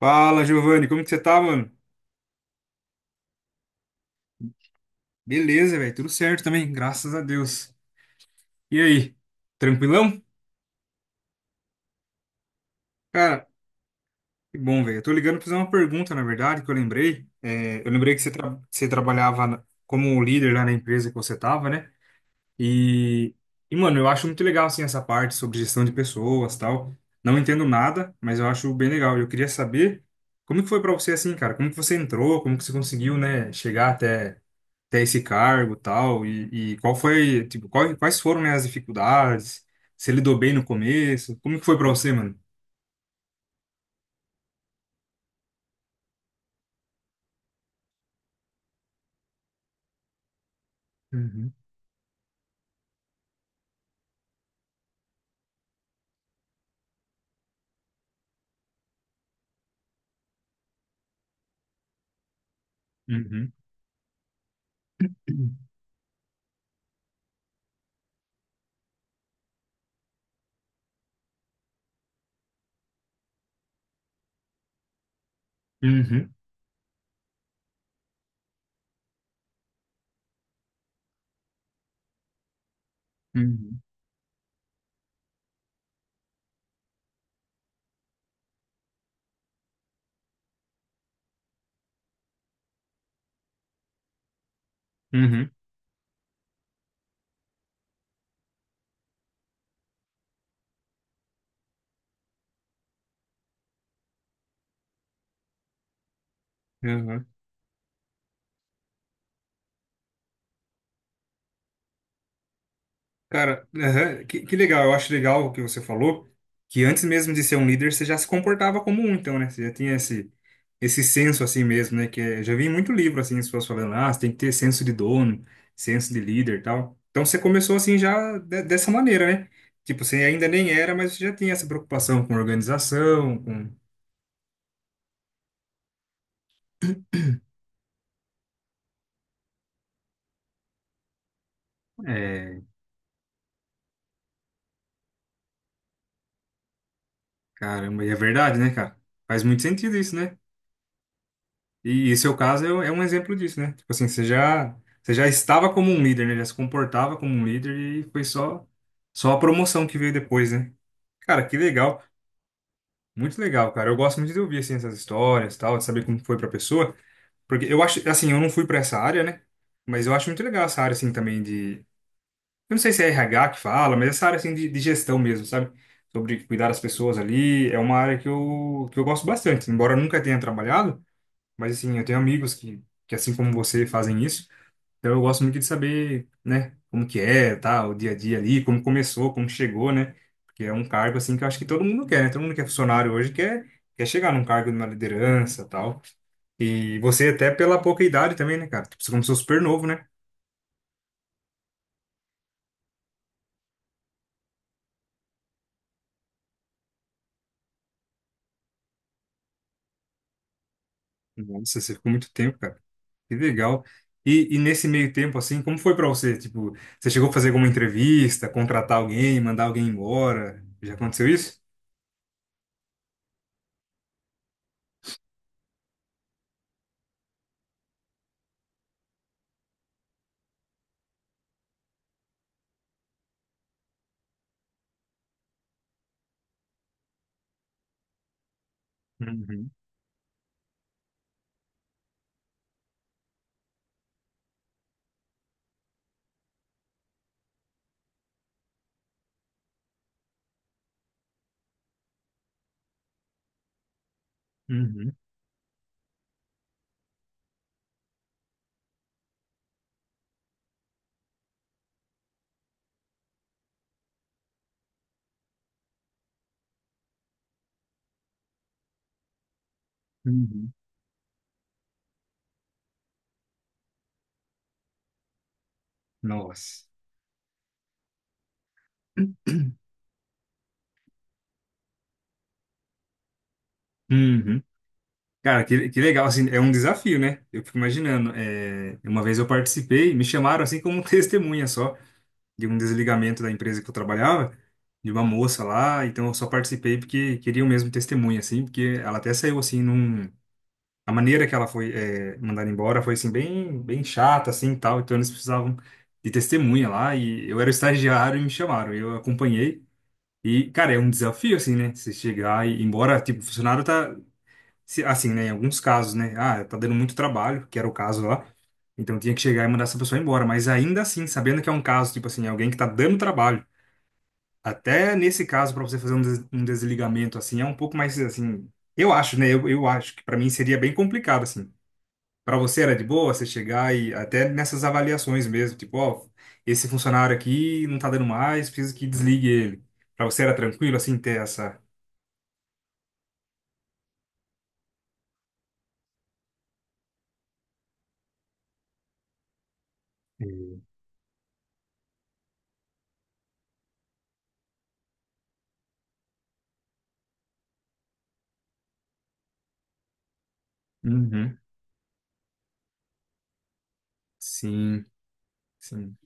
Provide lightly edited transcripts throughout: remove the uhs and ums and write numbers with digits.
Fala, Giovanni, como que você tá, mano? Beleza, velho, tudo certo também, graças a Deus. E aí, tranquilão? Cara, que bom, velho. Eu tô ligando pra fazer uma pergunta, na verdade, que eu lembrei. Eu lembrei que você, você trabalhava como líder lá na empresa que você tava, né? E, mano, eu acho muito legal, assim, essa parte sobre gestão de pessoas tal. Não entendo nada, mas eu acho bem legal. Eu queria saber como que foi pra você, assim, cara? Como que você entrou? Como que você conseguiu, né, chegar até ter esse cargo e tal, e qual foi, tipo, quais foram, né, as dificuldades, se lidou bem no começo, como que foi pra você, mano? Uhum, uhum, uhum, uhum, uhum, uhum, uhum. Cara, aham, que legal. Eu acho legal o que você falou, que antes mesmo de ser um líder, você já se comportava como um, então, né? Você já tinha esse, esse senso assim mesmo, né? Que é, já vi em muito livro, assim, as pessoas falando, ah, você tem que ter senso de dono, senso de líder e tal. Então, você começou assim dessa maneira, né? Tipo, você ainda nem era, mas você já tinha essa preocupação com organização, com... É, caramba, e é verdade, né, cara? Faz muito sentido isso, né? E seu caso é, é um exemplo disso, né? Tipo assim, você já estava como um líder, né? Já se comportava como um líder e foi só, só a promoção que veio depois, né? Cara, que legal. Muito legal, cara. Eu gosto muito de ouvir, assim, essas histórias e tal, de saber como foi pra pessoa. Porque eu acho, assim, eu não fui pra essa área, né? Mas eu acho muito legal essa área, assim, também de... Eu não sei se é RH que fala, mas essa área, assim, de gestão mesmo, sabe? Sobre cuidar das pessoas ali. É uma área que que eu gosto bastante. Embora eu nunca tenha trabalhado, mas assim, eu tenho amigos que assim como você fazem isso, então eu gosto muito de saber, né, como que é, tá, o dia a dia ali, como começou, como chegou, né? Porque é um cargo assim que eu acho que todo mundo quer, né? Todo mundo que é funcionário hoje quer chegar num cargo de uma liderança, tal. E você até pela pouca idade também, né, cara? Tipo, você começou super novo, né? Nossa, você ficou muito tempo, cara. Que legal. E nesse meio tempo, assim, como foi pra você? Tipo, você chegou a fazer alguma entrevista, contratar alguém, mandar alguém embora? Já aconteceu isso? Uhum, uhum. Uhum. Nossa. Uhum. Cara, que legal, assim, é um desafio, né? Eu fico imaginando. É, uma vez eu participei, me chamaram assim como testemunha só, de um desligamento da empresa que eu trabalhava, de uma moça lá, então eu só participei porque queriam mesmo testemunha, assim, porque ela até saiu assim num. A maneira que ela foi é, mandada embora foi assim, bem chata, assim, e tal, então eles precisavam de testemunha lá, e eu era estagiário e me chamaram, eu acompanhei. E, cara, é um desafio, assim, né? Você chegar e, embora, tipo, o funcionário tá, assim, né, em alguns casos, né? Ah, tá dando muito trabalho, que era o caso lá. Então tinha que chegar e mandar essa pessoa embora. Mas ainda assim, sabendo que é um caso, tipo assim, alguém que tá dando trabalho. Até nesse caso, para você fazer um, um desligamento, assim, é um pouco mais, assim. Eu acho, né? Eu acho que para mim seria bem complicado, assim. Para você era de boa você chegar e até nessas avaliações mesmo, tipo, ó, esse funcionário aqui não tá dando mais, preciso que desligue ele. Para você era tranquilo, assim, ter essa. Uhum. Sim, sim.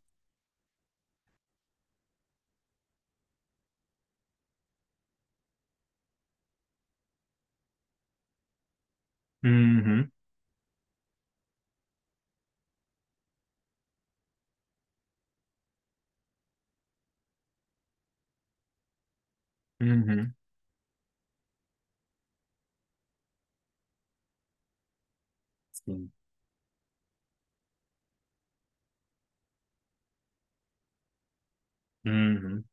Uhum. Uhum. Sim. Uhum.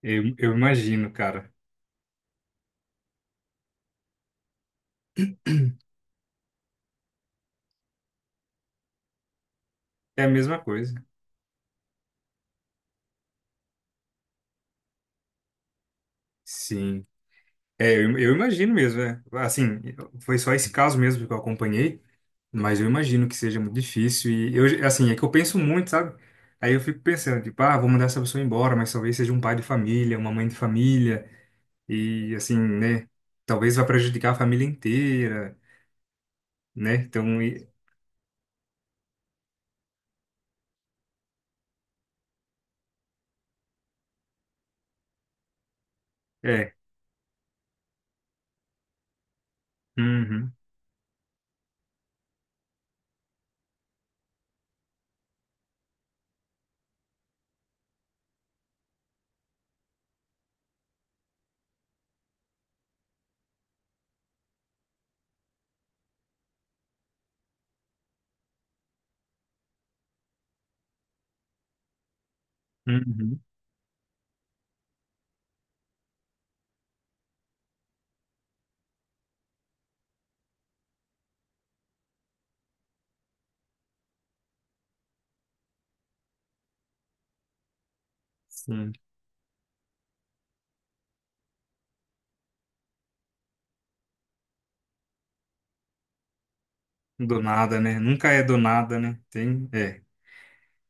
Eu imagino, cara. É a mesma coisa. Sim. É, eu imagino mesmo, é. Assim, foi só esse caso mesmo que eu acompanhei, mas eu imagino que seja muito difícil. E eu, assim, é que eu penso muito, sabe? Aí eu fico pensando, tipo, ah, vou mandar essa pessoa embora, mas talvez seja um pai de família, uma mãe de família, e assim, né? Talvez vá prejudicar a família inteira, né? Então, e- é. Uhum. Uhum. Sim. Do nada, né? Nunca é do nada, né? Tem, é,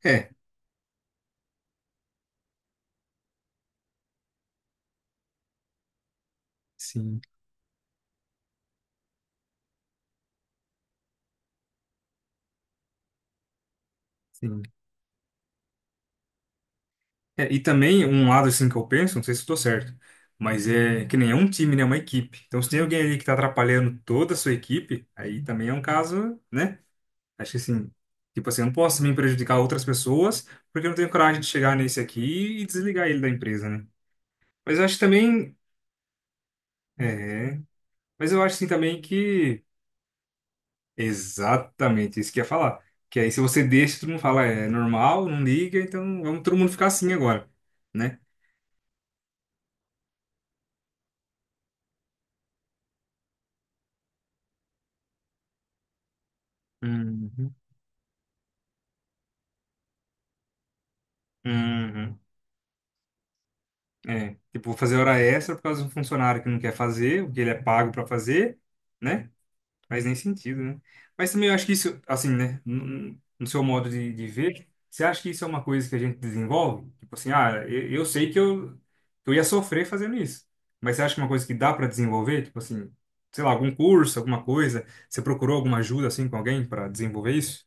é, sim, sim. É, e também um lado assim que eu penso, não sei se estou certo, mas é que nem é um time, né? É uma equipe. Então se tem alguém ali que tá atrapalhando toda a sua equipe, aí também é um caso, né? Acho que assim, tipo assim, eu não posso também prejudicar outras pessoas porque eu não tenho coragem de chegar nesse aqui e desligar ele da empresa, né? Mas eu acho também, é, mas eu acho assim também que exatamente, isso que eu ia falar. Que aí se você deixa, todo mundo fala, é normal, não liga, então vamos todo mundo ficar assim agora, né? Uhum. Uhum. É, tipo, vou fazer hora extra por causa de um funcionário que não quer fazer, o que ele é pago pra fazer, né? Faz nem sentido, né? Mas também eu acho que isso, assim, né? No seu modo de ver, você acha que isso é uma coisa que a gente desenvolve? Tipo assim, ah, eu sei que eu ia sofrer fazendo isso. Mas você acha que é uma coisa que dá pra desenvolver? Tipo assim, sei lá, algum curso, alguma coisa? Você procurou alguma ajuda, assim, com alguém pra desenvolver isso?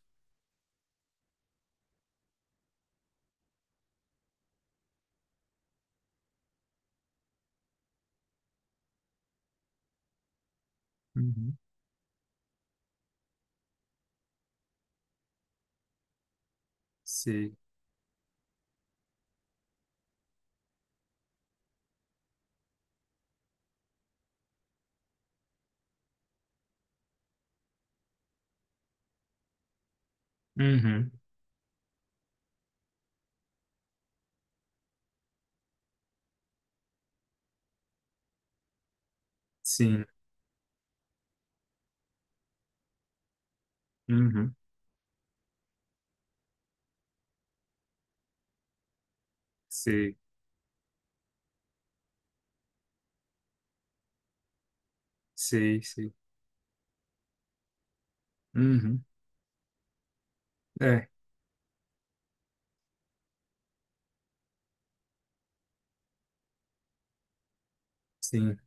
Uhum. Sei. Uhum. Sim. Uhum. Sei. Sei, sei. Uhum. É, sim.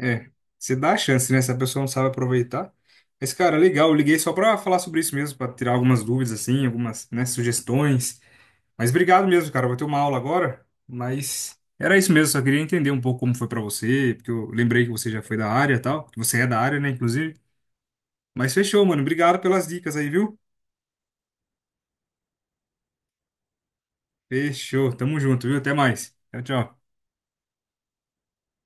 É, você dá a chance, né? Se a pessoa não sabe aproveitar. Mas, cara, legal, eu liguei só pra falar sobre isso mesmo, pra tirar algumas dúvidas, assim, algumas, né, sugestões. Mas obrigado mesmo, cara. Eu vou ter uma aula agora, mas era isso mesmo, só queria entender um pouco como foi pra você, porque eu lembrei que você já foi da área e tal, que você é da área, né, inclusive. Mas fechou, mano. Obrigado pelas dicas aí, viu? Fechou. Tamo junto, viu? Até mais. Tchau, tchau.